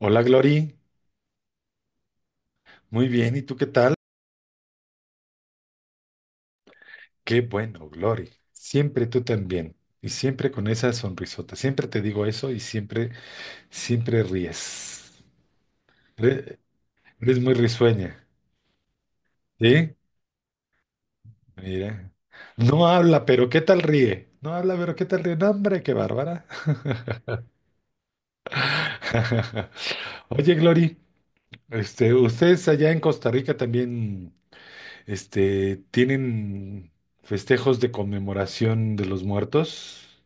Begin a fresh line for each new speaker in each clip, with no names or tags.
Hola, Glory. Muy bien, ¿y tú qué tal? Qué bueno, Glory. Siempre tú también. Y siempre con esa sonrisota. Siempre te digo eso y siempre, siempre ríes. Re- Eres muy risueña. ¿Sí? Mira. No habla, pero ¿qué tal ríe? No habla, pero ¿qué tal ríe? No, hombre, qué bárbara. Oye, Glory, ustedes allá en Costa Rica también, tienen festejos de conmemoración de los muertos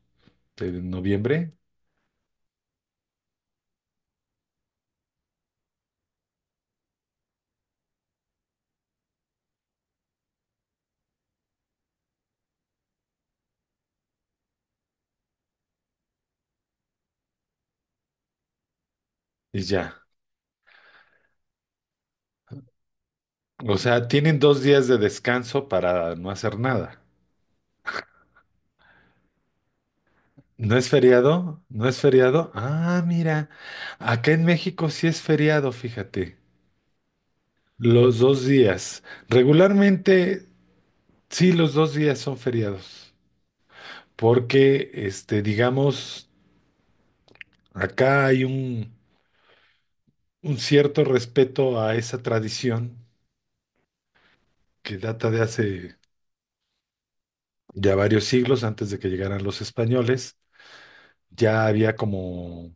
de noviembre. Y ya. O sea, tienen dos días de descanso para no hacer nada. ¿No es feriado? ¿No es feriado? Ah, mira. Acá en México sí es feriado, fíjate. Los dos días. Regularmente, sí, los dos días son feriados. Porque, digamos, acá hay un cierto respeto a esa tradición que data de hace ya varios siglos antes de que llegaran los españoles. Ya había como.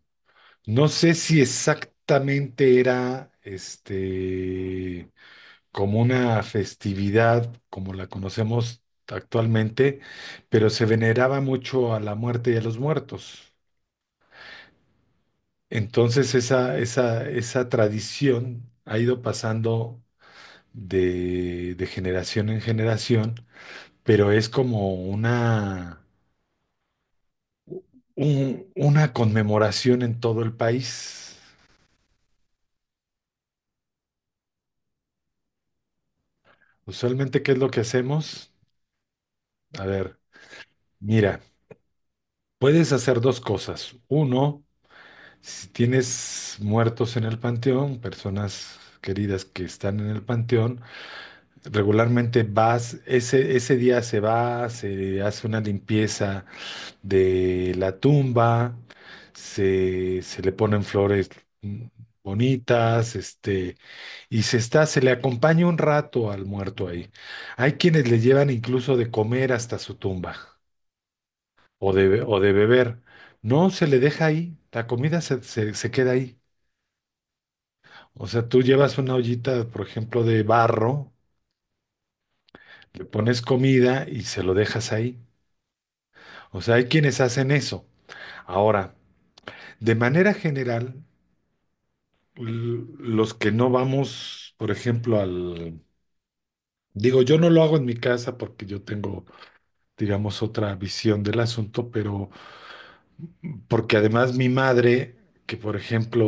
No sé si exactamente era como una festividad como la conocemos actualmente, pero se veneraba mucho a la muerte y a los muertos. Entonces esa tradición ha ido pasando de generación en generación, pero es como una, una conmemoración en todo el país. Usualmente, ¿qué es lo que hacemos? A ver, mira. Puedes hacer dos cosas. Uno, si tienes muertos en el panteón, personas queridas que están en el panteón, regularmente vas, ese día se va, se hace una limpieza de la tumba, se le ponen flores mm, bonitas, y se le acompaña un rato al muerto ahí. Hay quienes le llevan incluso de comer hasta su tumba o o de beber. No, se le deja ahí, la comida se queda ahí. O sea, tú llevas una ollita, por ejemplo, de barro, le pones comida y se lo dejas ahí. O sea, hay quienes hacen eso. Ahora, de manera general, los que no vamos, por ejemplo, al... Digo, yo no lo hago en mi casa porque yo tengo, digamos, otra visión del asunto, pero porque además mi madre, que por ejemplo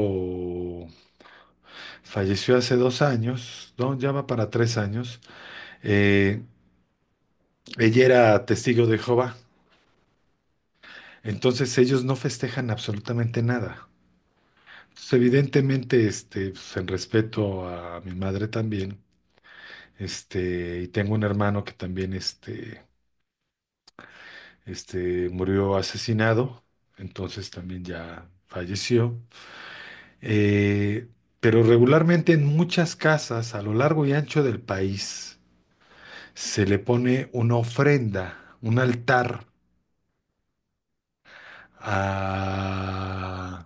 falleció hace dos años, no, ya va para tres años. Eh, Ella era testigo de Jehová, entonces ellos no festejan absolutamente nada. Entonces, evidentemente, pues, en respeto a mi madre también, y tengo un hermano que también, murió asesinado, entonces también ya falleció. Eh, pero regularmente en muchas casas a lo largo y ancho del país se le pone una ofrenda, un altar a,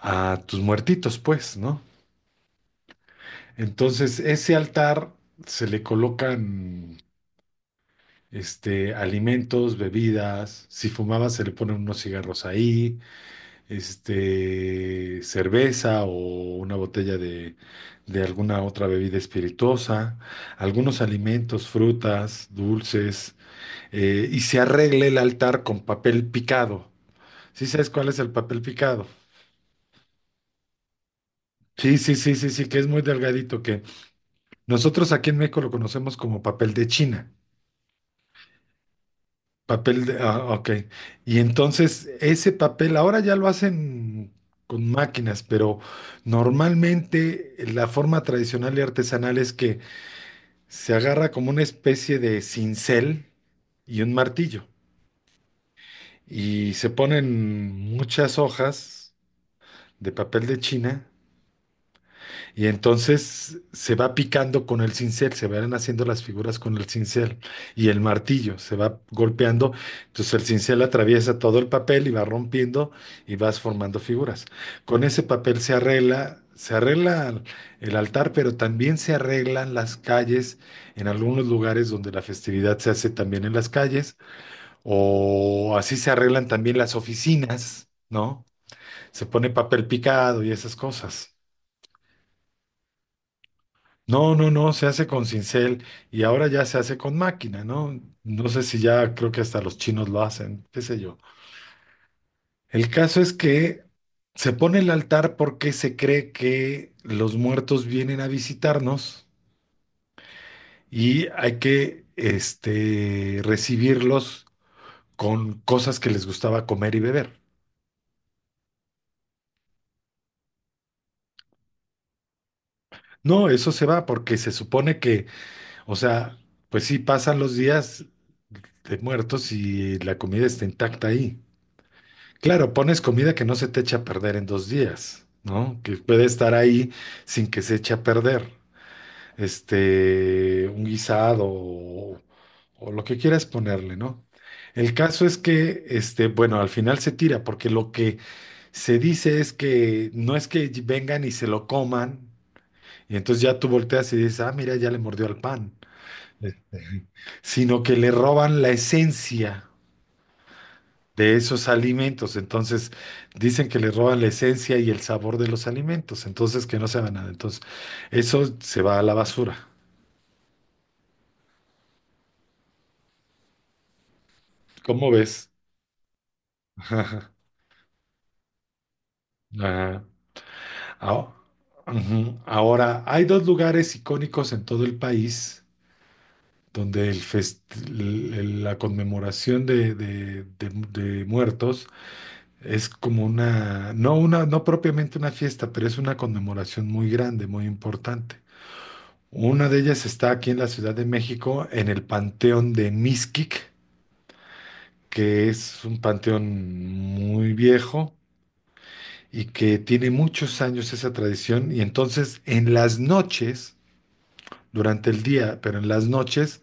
a tus muertitos, pues, ¿no? Entonces, ese altar se le colocan alimentos, bebidas, si fumaba se le ponen unos cigarros ahí, cerveza o una botella de alguna otra bebida espirituosa, algunos alimentos, frutas, dulces, y se arregla el altar con papel picado. Sí sabes cuál es el papel picado. Sí, que es muy delgadito, que nosotros aquí en México lo conocemos como papel de China. Papel de, ah, ok. Y entonces ese papel ahora ya lo hacen con máquinas, pero normalmente la forma tradicional y artesanal es que se agarra como una especie de cincel y un martillo y se ponen muchas hojas de papel de China. Y entonces se va picando con el cincel, se van haciendo las figuras con el cincel y el martillo se va golpeando. Entonces el cincel atraviesa todo el papel y va rompiendo y vas formando figuras. Con ese papel se arregla el altar, pero también se arreglan las calles en algunos lugares donde la festividad se hace también en las calles o así se arreglan también las oficinas, ¿no? Se pone papel picado y esas cosas. No, no, no, se hace con cincel y ahora ya se hace con máquina, ¿no? No sé si ya creo que hasta los chinos lo hacen, qué sé yo. El caso es que se pone el altar porque se cree que los muertos vienen a visitarnos y hay que, recibirlos con cosas que les gustaba comer y beber. No, eso se va porque se supone que, o sea, pues sí pasan los días de muertos y la comida está intacta ahí. Claro, pones comida que no se te echa a perder en dos días, ¿no? Que puede estar ahí sin que se eche a perder. Un guisado o lo que quieras ponerle, ¿no? El caso es que, bueno, al final se tira, porque lo que se dice es que no es que vengan y se lo coman, y entonces ya tú volteas y dices, ah, mira, ya le mordió al pan, eh, sino que le roban la esencia de esos alimentos. Entonces, dicen que le roban la esencia y el sabor de los alimentos. Entonces, que no se va nada. Entonces, eso se va a la basura. ¿Cómo ves? Ajá. Ah, ujú. Ahora, hay dos lugares icónicos en todo el país donde el fest- el- la conmemoración de muertos es como una, no propiamente una fiesta, pero es una conmemoración muy grande, muy importante. Una de ellas está aquí en la Ciudad de México, en el Panteón de Mixquic, que es un panteón muy viejo y que tiene muchos años esa tradición. Y entonces en las noches, durante el día, pero en las noches,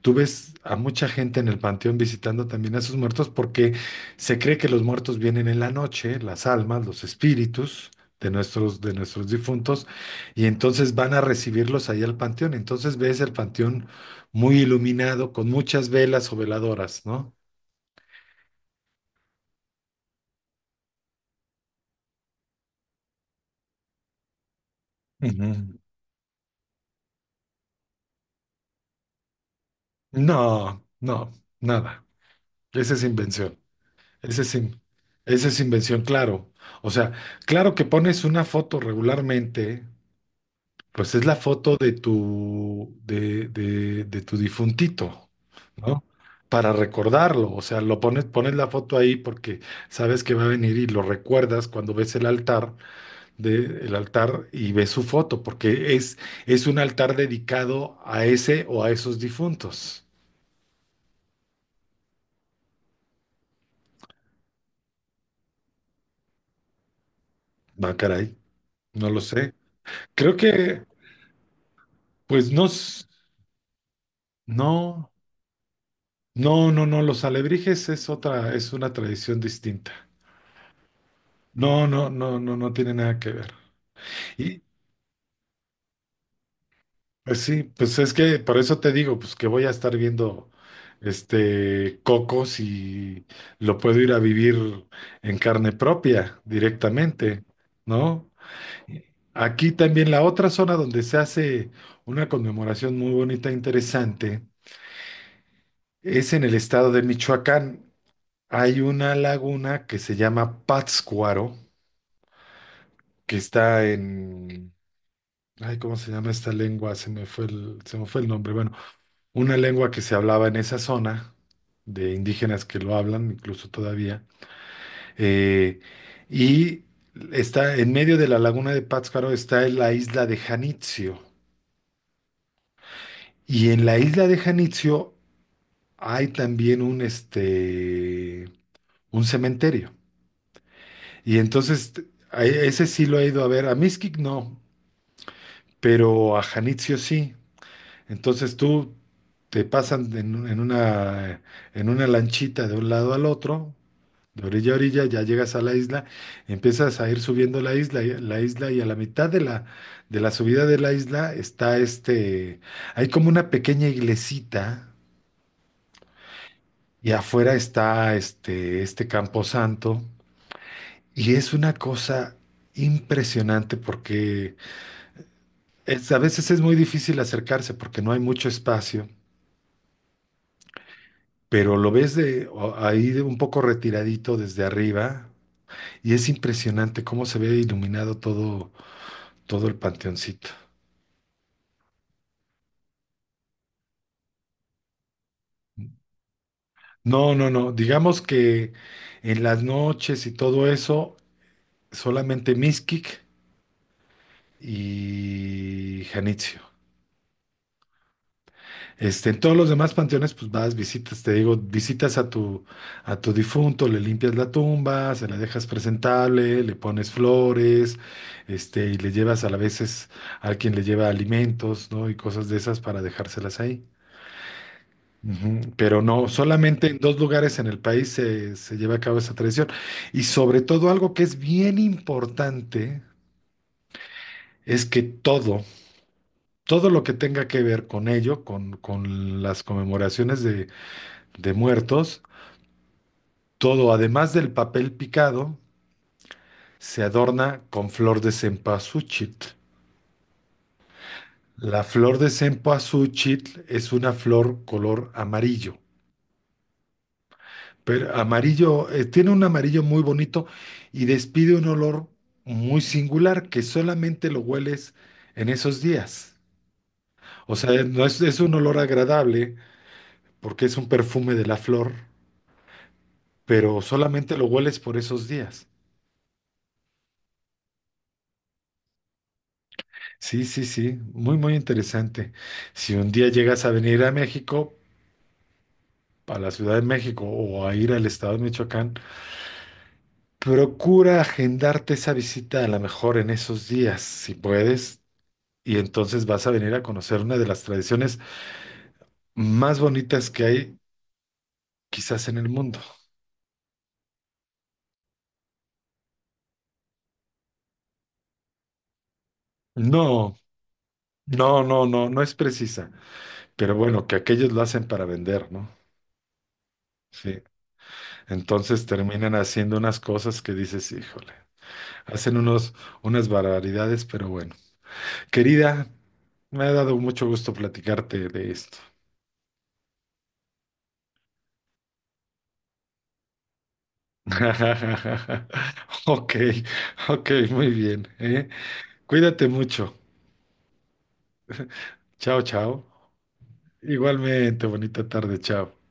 tú ves a mucha gente en el panteón visitando también a sus muertos porque se cree que los muertos vienen en la noche, las almas, los espíritus de nuestros difuntos, y entonces van a recibirlos ahí al panteón. Entonces ves el panteón muy iluminado, con muchas velas o veladoras, ¿no? Ujú. No, no, nada. Esa es invención. Esa es, in- esa es invención, claro. O sea, claro que pones una foto regularmente. Pues es la foto de tu, de tu difuntito, ¿no? Para recordarlo, o sea, lo pones, pones la foto ahí porque sabes que va a venir y lo recuerdas cuando ves el altar el altar y ves su foto, porque es un altar dedicado a ese o a esos difuntos. Va, caray, no lo sé. Creo que, pues no, no, no, los alebrijes es otra, es una tradición distinta. No, no, no, no, no tiene nada que ver. Y, pues sí, pues es que por eso te digo, pues que voy a estar viendo Coco si lo puedo ir a vivir en carne propia directamente, ¿no? Aquí también la otra zona donde se hace una conmemoración muy bonita e interesante es en el estado de Michoacán. Hay una laguna que se llama Pátzcuaro, que está en... Ay, ¿cómo se llama esta lengua? Se me fue el nombre. Bueno, una lengua que se hablaba en esa zona, de indígenas que lo hablan, incluso todavía. eh, y está en medio de la laguna de Pátzcuaro, está en la isla de Janitzio. Y en la isla de Janitzio hay también un cementerio. Y entonces, a ese sí lo he ido a ver. A Mixquic no, pero a Janitzio sí. Entonces tú te pasan en, un- en una lanchita de un lado al otro, de orilla a orilla, ya llegas a la isla, empiezas a ir subiendo la isla y a la mitad de la subida de la isla está hay como una pequeña iglesita y afuera está este camposanto y es una cosa impresionante porque a veces es muy difícil acercarse porque no hay mucho espacio. Pero lo ves ahí de un poco retiradito desde arriba y es impresionante cómo se ve iluminado todo, todo el panteoncito. No, no, no, digamos que en las noches y todo eso solamente Mixquic y Janitzio. En todos los demás panteones, pues vas, visitas, te digo, visitas a tu difunto, le limpias la tumba, se la dejas presentable, le pones flores, y le llevas a la veces a quien le lleva alimentos, ¿no? Y cosas de esas para dejárselas ahí. Ujú. Pero no, solamente en dos lugares en el país se lleva a cabo esa tradición. Y sobre todo algo que es bien importante es que todo lo que tenga que ver con ello, con las conmemoraciones de muertos, todo, además del papel picado, se adorna con flor de cempasúchil. La flor de cempasúchil es una flor color amarillo, pero amarillo, tiene un amarillo muy bonito y despide un olor muy singular que solamente lo hueles en esos días. O sea, no es, es un olor agradable porque es un perfume de la flor, pero solamente lo hueles por esos días. Sí, sí, sí, muy, muy interesante. Si un día llegas a venir a México, a la Ciudad de México o a ir al estado de Michoacán, procura agendarte esa visita a lo mejor en esos días, si puedes, y entonces vas a venir a conocer una de las tradiciones más bonitas que hay quizás en el mundo. No, no, no, no, no es precisa, pero bueno, que aquellos lo hacen para vender, ¿no? Sí, entonces terminan haciendo unas cosas que dices, híjole. Hacen unos, unas barbaridades, pero bueno. Querida, me ha dado mucho gusto platicarte de esto. Ok, ok, muy bien, ¿eh? Cuídate mucho. Chao, chao. Igualmente, bonita tarde, chao.